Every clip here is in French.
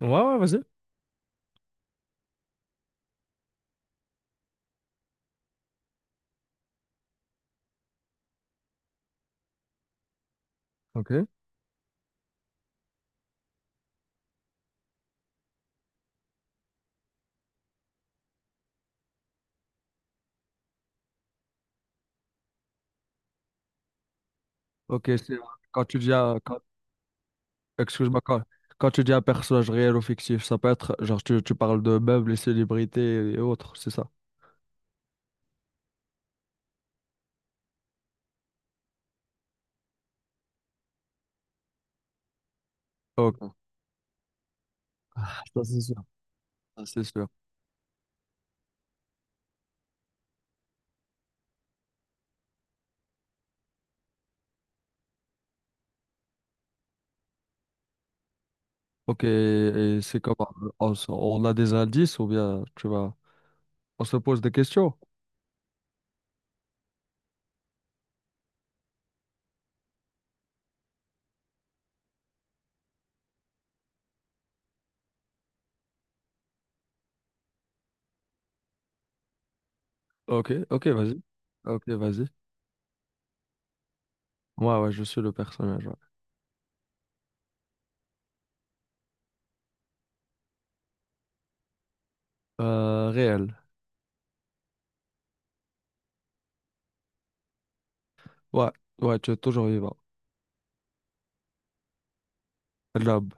Ouais, ouais, vas-y. Ok. Ok, c'est quand tu dis un- quand- excuse-moi, quand, quand tu dis un personnage réel ou fictif, ça peut être genre tu parles de meubles et célébrités et autres, c'est ça. Ok. Ah, ça c'est sûr. Ça c'est sûr. Ok, et c'est comment? On, s- on a des indices ou bien tu vas. On se pose des questions. Ok, ok, vas-y. Ok, vas-y. Ouais, ouais, je suis le personnage, ouais. Réel. Ouais, ouais, tu es toujours vivant. Lob.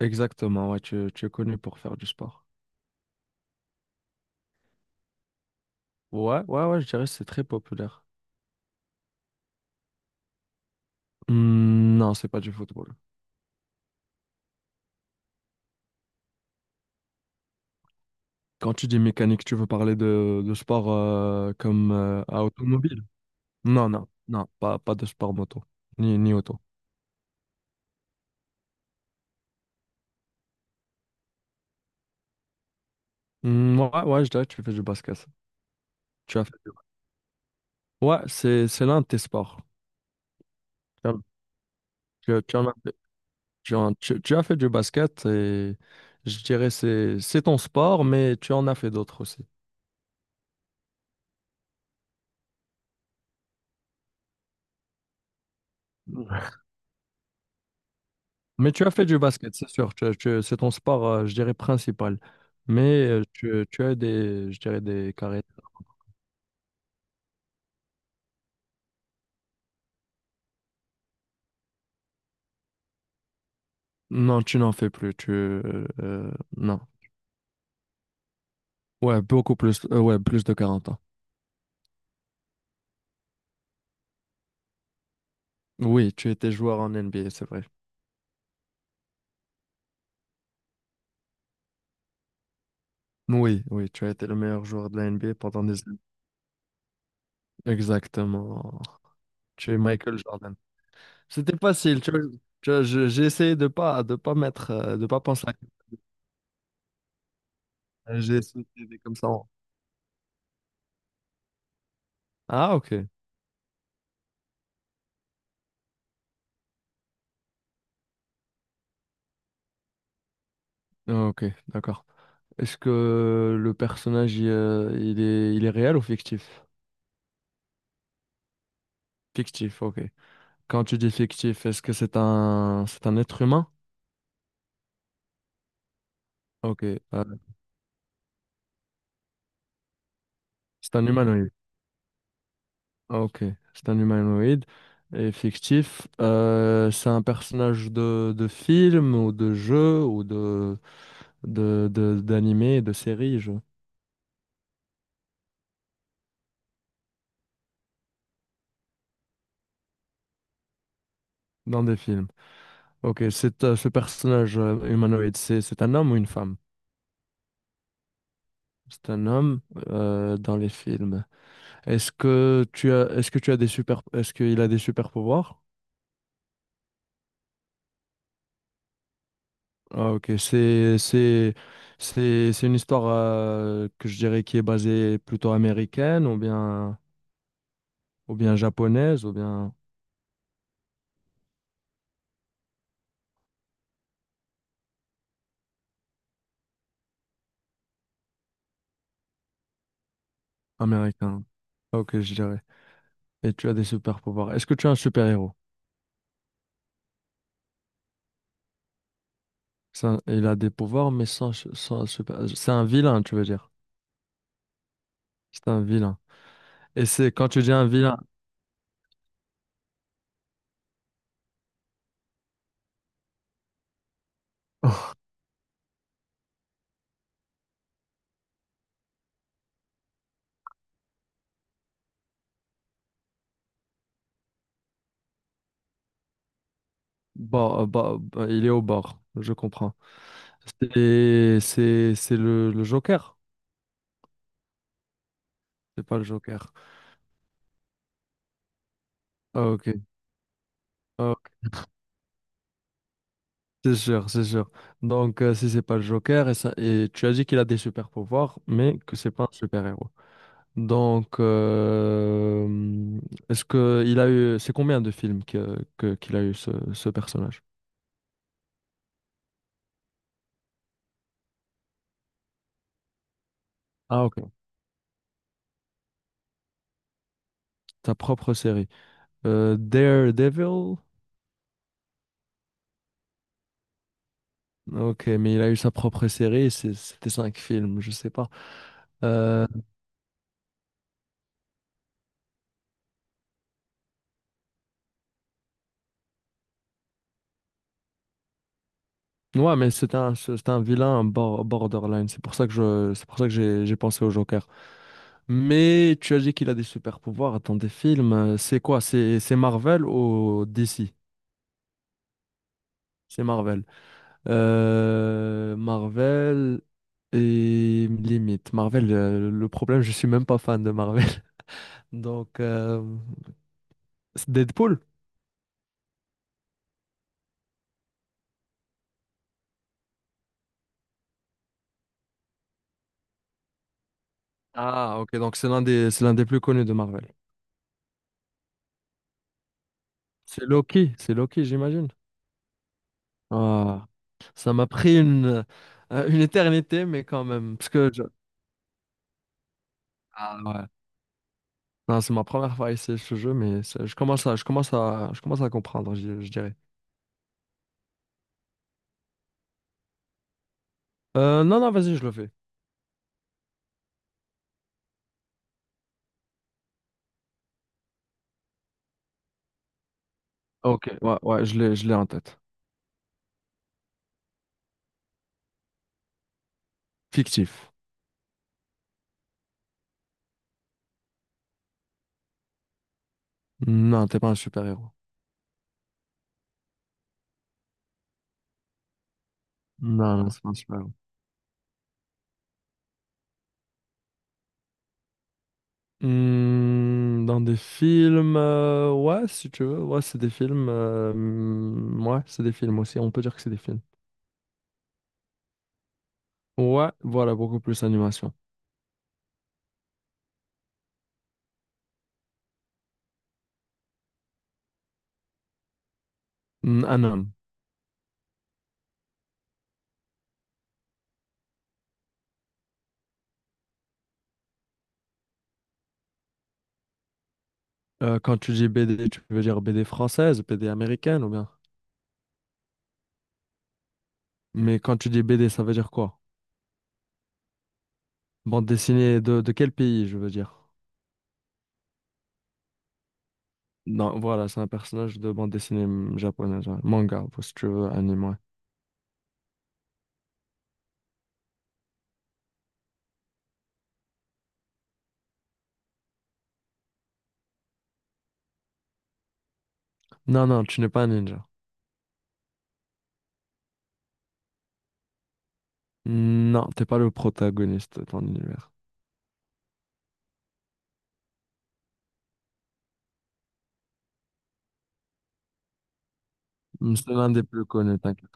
Exactement, ouais, tu es connu pour faire du sport. Ouais, ouais, ouais, je dirais que c'est très populaire. Hmm, non, c'est pas du football. Quand tu dis mécanique, tu veux parler de sport comme à automobile? Non, non, non, pas, pas de sport moto, ni, ni auto. Hmm, ouais, ouais, je dirais que tu fais du basket. Tu as fait du- Ouais, c'est l'un de tes sports. Tu en tu- tu en as fait. Tu as fait du basket et je dirais c'est ton sport, mais tu en as fait d'autres aussi. Mais tu as fait du basket, c'est sûr. C'est ton sport, je dirais, principal. Mais tu, tu as des, je dirais, des carrières. Non, tu n'en fais plus. Non. Ouais, beaucoup plus. Ouais, plus de 40 ans. Oui, tu étais joueur en NBA, c'est vrai. Oui, oui, tu as été le meilleur joueur de la NBA pendant des années. Exactement. Tu es Michael Jordan. C'était facile, tu vois. Tu vois, j'ai essayé de pas mettre de pas penser à j'ai essayé d'aider comme ça. En- Ah ok. Ah, ok, d'accord. Est-ce que le personnage il est réel ou fictif? Fictif, ok. Quand tu dis fictif, est-ce que c'est un être humain? Ok. C'est un humanoïde. Ah, ok. C'est un humanoïde et fictif. C'est un personnage de film ou de jeu ou d'animé, de série, je dans des films. Ok, c'est, ce personnage humanoïde, c'est un homme ou une femme? C'est un homme dans les films. Est-ce que tu as, est-ce que tu as des super, est-ce qu'il a des super pouvoirs? Ah, ok, c'est une histoire que je dirais qui est basée plutôt américaine ou bien japonaise ou bien américaine. Ok, je dirais. Et tu as des super pouvoirs. Est-ce que tu as un super héros? Il a des pouvoirs mais sans, sans super. C'est un vilain, tu veux dire? C'est un vilain. Et c'est quand tu dis un vilain, bon, bah, bah, il est au bord, je comprends. C'est le Joker, c'est pas le Joker. Ah, ok. Ah, ok. C'est sûr, c'est sûr. Donc si c'est pas le Joker et ça et tu as dit qu'il a des super pouvoirs, mais que c'est pas un super héros. Donc est-ce que il a eu c'est combien de films qu'il a eu ce, ce personnage? Ah ok, ta propre série. Daredevil. Ok, mais il a eu sa propre série, c'est- c'était 5 films, je sais pas. Euh, ouais, mais c'est un vilain un bor- borderline, c'est pour ça que je, c'est pour ça que j'ai pensé au Joker. Mais tu as dit qu'il a des super pouvoirs dans des films, c'est quoi? C'est Marvel ou DC? C'est Marvel. Marvel et limite. Marvel, le problème, je suis même pas fan de Marvel. Donc, c'est Deadpool? Ah, ok, donc c'est l'un des plus connus de Marvel. C'est Loki, j'imagine. Ah, ça m'a pris une éternité, mais quand même. Parce que je- Ah ouais. Non, c'est ma première fois à essayer ce jeu, mais c'est- je commence à comprendre, je dirais. Non, non, vas-y, je le fais. Ok, ouais, ouais, je l'ai en tête. Fictif. Non, t'es pas un super-héros. Non, non, c'est pas un super-héros. Hmm, dans des films, ouais, si tu veux, ouais, c'est des films. Hmm, ouais, c'est des films aussi, on peut dire que c'est des films. Ouais, voilà, beaucoup plus animation. Mm, un homme. Quand tu dis BD, tu veux dire BD française, BD américaine ou bien? Mais quand tu dis BD, ça veut dire quoi? Bande dessinée de quel pays, je veux dire? Non, voilà, c'est un personnage de bande dessinée mm, japonaise, ouais. Manga, ou si tu veux, anime, ouais. Non, non, tu n'es pas un ninja. Non, t'es pas le protagoniste de ton univers. Mm, c'est l'un des plus connus, t'inquiète.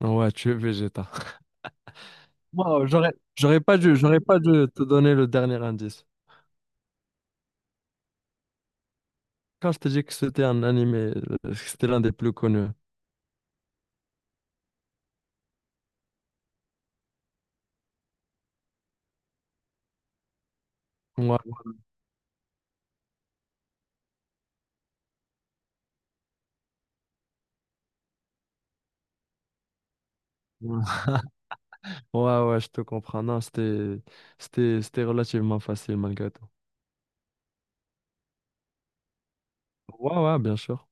Ouais, tu es Vegeta. Wow, j'aurais pas dû te donner le dernier indice. Quand je t'ai dit que c'était un animé, que c'était l'un des plus connus. Ouais. Ouais, ouais, je te comprends. Non, c'était relativement facile malgré tout. Ouais, ouais, bien sûr.